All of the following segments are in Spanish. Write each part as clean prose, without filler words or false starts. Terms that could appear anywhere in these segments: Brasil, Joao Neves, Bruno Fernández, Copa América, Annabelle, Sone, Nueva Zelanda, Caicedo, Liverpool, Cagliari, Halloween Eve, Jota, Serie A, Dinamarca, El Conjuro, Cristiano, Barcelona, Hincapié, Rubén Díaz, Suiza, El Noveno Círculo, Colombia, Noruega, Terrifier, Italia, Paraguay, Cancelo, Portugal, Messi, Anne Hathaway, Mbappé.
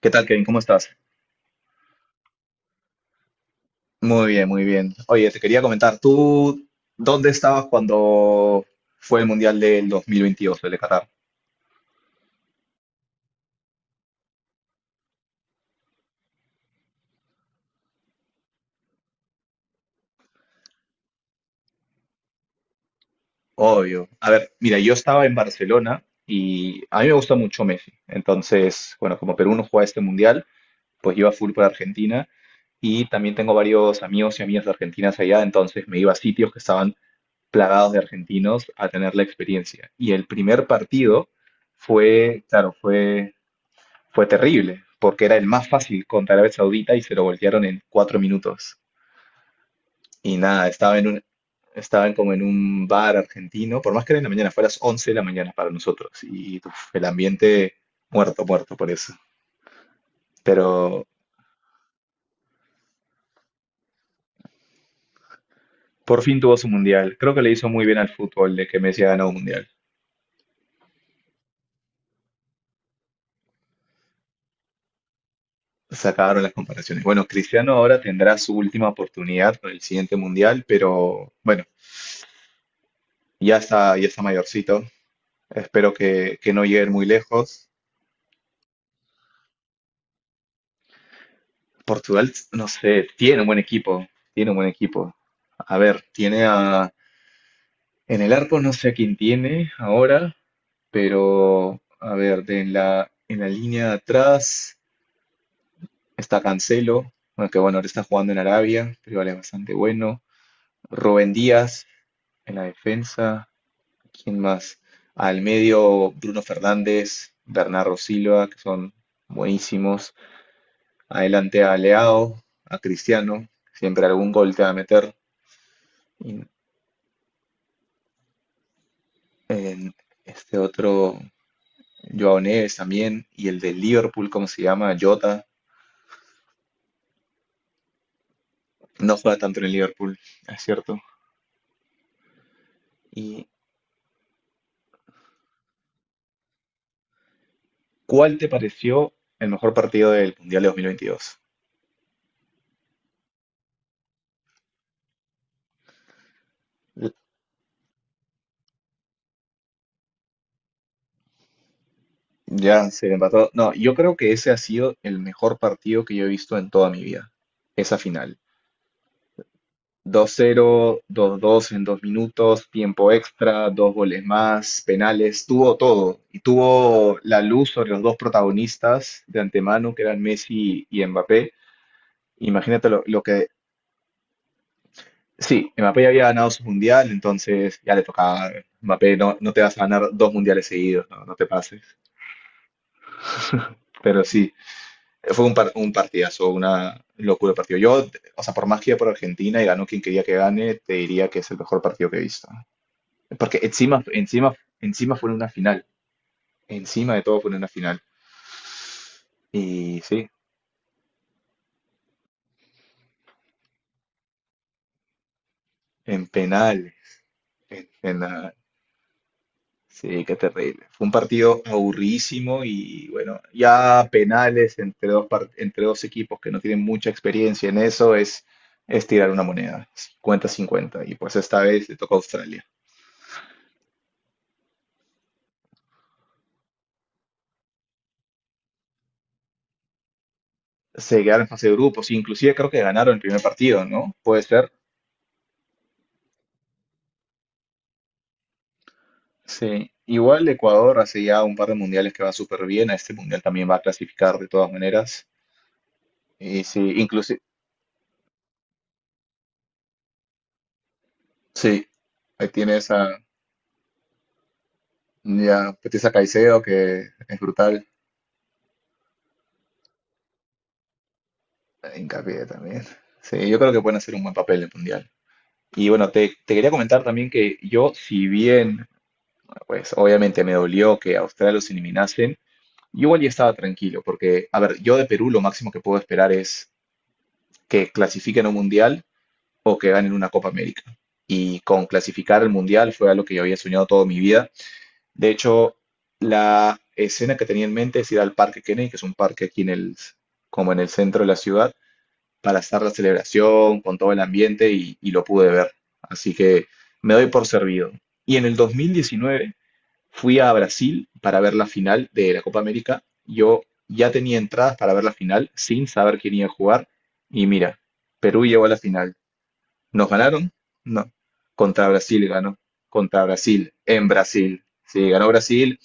¿Qué tal, Kevin? ¿Cómo estás? Muy bien, muy bien. Oye, te quería comentar, ¿tú dónde estabas cuando fue el Mundial del 2022, el de Qatar? Obvio. A ver, mira, yo estaba en Barcelona y a mí me gusta mucho Messi. Entonces, bueno, como Perú no juega este Mundial, pues iba full por Argentina y también tengo varios amigos y amigas de argentinas allá, entonces me iba a sitios que estaban plagados de argentinos a tener la experiencia. Y el primer partido fue, claro, fue terrible, porque era el más fácil contra Arabia Saudita y se lo voltearon en 4 minutos. Y nada, estaban como en un bar argentino, por más que era en la mañana, fue a las 11 de la mañana para nosotros. Y uf, el ambiente muerto, muerto por eso. Pero por fin tuvo su mundial. Creo que le hizo muy bien al fútbol de que Messi ha ganado un mundial. Se acabaron las comparaciones. Bueno, Cristiano ahora tendrá su última oportunidad con el siguiente mundial, pero bueno, ya está mayorcito. Espero que no lleguen muy lejos. Portugal, no sé, tiene un buen equipo, tiene un buen equipo. A ver, tiene a... En el arco no sé a quién tiene ahora, pero a ver, en la línea de atrás está Cancelo, bueno, que bueno, ahora está jugando en Arabia, pero igual es bastante bueno. Rubén Díaz en la defensa, ¿quién más? Al medio Bruno Fernández, Bernardo Silva, que son buenísimos. Adelante a Leao, a Cristiano, siempre algún gol te va a meter. Y en este otro, Joao Neves también, y el de Liverpool, ¿cómo se llama? Jota, no juega tanto en el Liverpool, es cierto. ¿Y cuál te pareció el mejor partido del Mundial de 2022? L- Ya se empató. No, yo creo que ese ha sido el mejor partido que yo he visto en toda mi vida, esa final. 2-0, 2-2 en 2 minutos, tiempo extra, dos goles más, penales, tuvo todo. Y tuvo la luz sobre los dos protagonistas de antemano, que eran Messi y Mbappé. Imagínate lo que... Sí, Mbappé ya había ganado su mundial, entonces ya le tocaba. Mbappé, no, no te vas a ganar dos mundiales seguidos, no, no te pases. Pero sí, fue un partidazo, una locura de partido. Yo, o sea, por más que iba por Argentina y ganó quien quería que gane, te diría que es el mejor partido que he visto. Porque encima, encima, encima fue en una final. Encima de todo fue en una final. Y sí, en penales, en penales. Sí, qué terrible. Fue un partido aburridísimo y bueno, ya penales entre dos equipos que no tienen mucha experiencia en eso es tirar una moneda, 50 cincuenta. Y pues esta vez le tocó a Australia. Se quedaron en fase de grupos, inclusive creo que ganaron el primer partido, ¿no? Puede ser. Sí, igual Ecuador hace ya un par de mundiales que va súper bien, a este mundial también va a clasificar de todas maneras. Y sí, inclusive, sí, ahí tienes a Caicedo que es brutal, hincapié también. Sí, yo creo que pueden hacer un buen papel en el mundial. Y bueno, te quería comentar también que yo, si bien, pues obviamente me dolió que a Australia los eliminasen, yo igual ya estaba tranquilo, porque, a ver, yo de Perú lo máximo que puedo esperar es que clasifiquen a un mundial o que ganen una Copa América. Y con clasificar al Mundial fue algo que yo había soñado toda mi vida. De hecho, la escena que tenía en mente es ir al Parque Kennedy, que es un parque aquí en el, como en el centro de la ciudad, para estar la celebración, con todo el ambiente y lo pude ver. Así que me doy por servido. Y en el 2019 fui a Brasil para ver la final de la Copa América. Yo ya tenía entradas para ver la final sin saber quién iba a jugar. Y mira, Perú llegó a la final. ¿Nos ganaron? No. Contra Brasil ganó. Contra Brasil, en Brasil. Sí, ganó Brasil.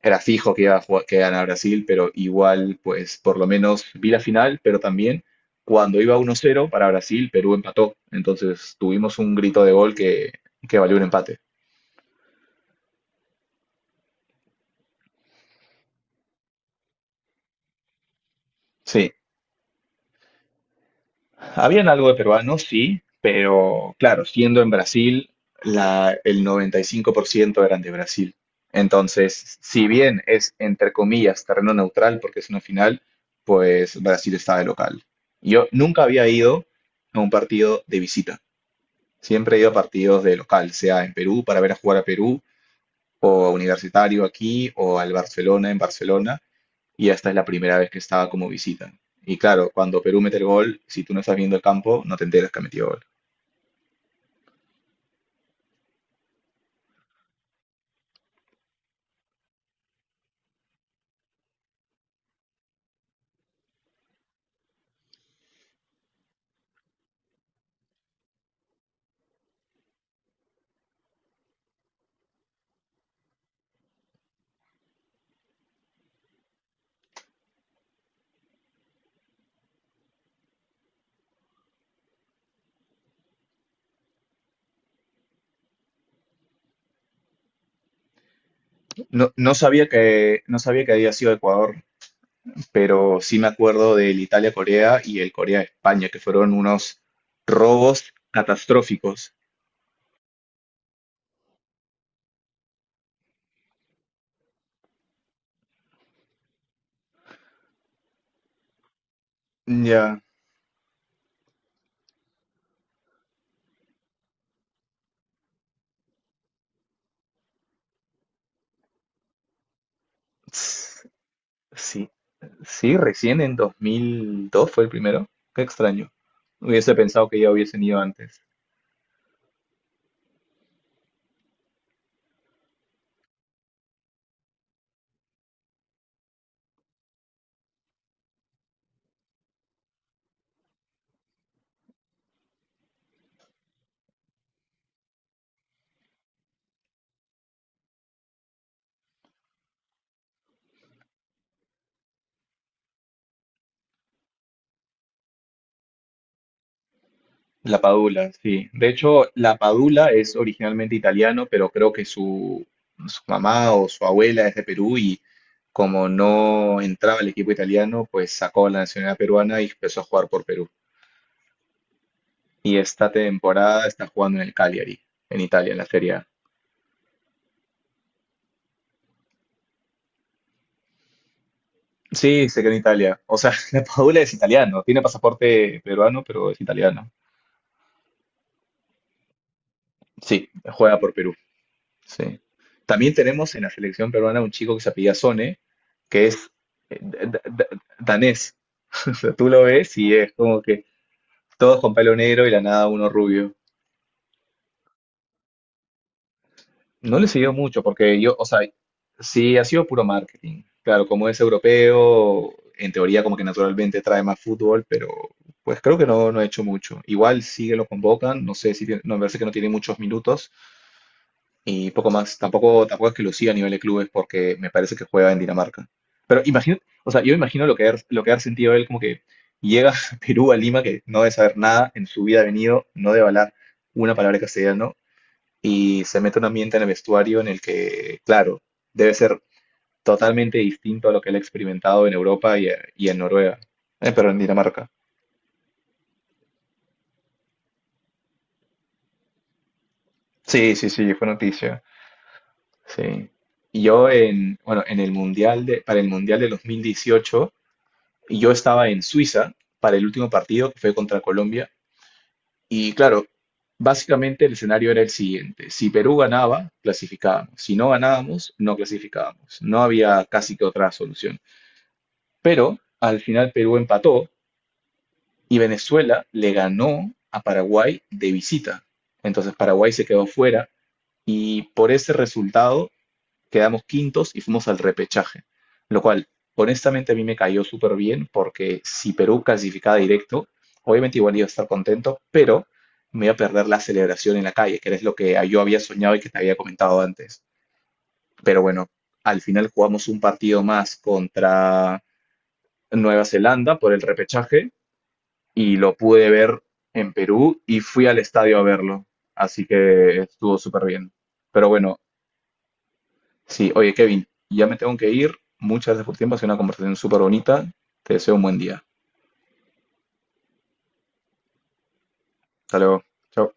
Era fijo que iba a jugar- que ganara Brasil, pero igual, pues por lo menos vi la final, pero también cuando iba 1-0 para Brasil, Perú empató. Entonces tuvimos un grito de gol que valió un empate. Sí. Habían algo de peruanos, sí, pero claro, siendo en Brasil, el 95% eran de Brasil. Entonces, si bien es, entre comillas, terreno neutral porque es una final, pues Brasil está de local. Yo nunca había ido a un partido de visita. Siempre he ido a partidos de local, sea en Perú para ver a jugar a Perú, o a Universitario aquí, o al Barcelona en Barcelona, y esta es la primera vez que estaba como visita. Y claro, cuando Perú mete el gol, si tú no estás viendo el campo, no te enteras que ha metido gol. No, no sabía que había sido Ecuador, pero sí me acuerdo del Italia-Corea y el Corea-España, que fueron unos robos catastróficos. Ya. Ts- Sí, sí, recién en 2002 fue el primero. Qué extraño. Hubiese pensado que ya hubiesen ido antes. La Padula, sí. De hecho, la Padula es originalmente italiano, pero creo que su mamá o su abuela es de Perú y como no entraba al equipo italiano, pues sacó la nacionalidad peruana y empezó a jugar por Perú. Y esta temporada está jugando en el Cagliari, en Italia, en la Serie A. Sí, se quedó en Italia. O sea, la Padula es italiano, tiene pasaporte peruano, pero es italiano. Sí, juega por Perú. Sí. También tenemos en la selección peruana un chico que se apellida Sone, que es eh, da- da- da- danés. O sea, tú lo ves y es como que todos con pelo negro y la nada uno rubio. No le siguió mucho porque yo, o sea, sí ha sido puro marketing. Claro, como es europeo, en teoría como que naturalmente trae más fútbol, pero pues creo que no, no ha hecho mucho. Igual sí que lo convocan, no sé si no, me parece que no tiene muchos minutos. Y poco más. Tampoco, tampoco es que lo lucía a nivel de clubes porque me parece que juega en Dinamarca. Pero imagino, o sea, yo imagino lo que ha sentido él como que llega a Perú, a Lima, que no debe saber nada, en su vida ha venido, no debe hablar una palabra de castellano, y se mete en un ambiente en el vestuario en el que, claro, debe ser totalmente distinto a lo que él ha experimentado en Europa y en Noruega, pero en Dinamarca. Sí, sí, sí, fue noticia. Sí. Y yo bueno, en el mundial de, para el mundial de 2018 y yo estaba en Suiza para el último partido que fue contra Colombia y claro, básicamente el escenario era el siguiente. Si Perú ganaba, clasificábamos. Si no ganábamos, no clasificábamos. No había casi que otra solución. Pero al final Perú empató y Venezuela le ganó a Paraguay de visita. Entonces Paraguay se quedó fuera y por ese resultado quedamos quintos y fuimos al repechaje, lo cual honestamente a mí me cayó súper bien porque si Perú clasificaba directo, obviamente igual iba a estar contento, pero me iba a perder la celebración en la calle, que es lo que yo había soñado y que te había comentado antes. Pero bueno, al final jugamos un partido más contra Nueva Zelanda por el repechaje y lo pude ver en Perú y fui al estadio a verlo, así que estuvo súper bien. Pero bueno. Sí, oye Kevin, ya me tengo que ir. Muchas gracias por tu tiempo, ha sido una conversación súper bonita. Te deseo un buen día. Hasta luego. Chao.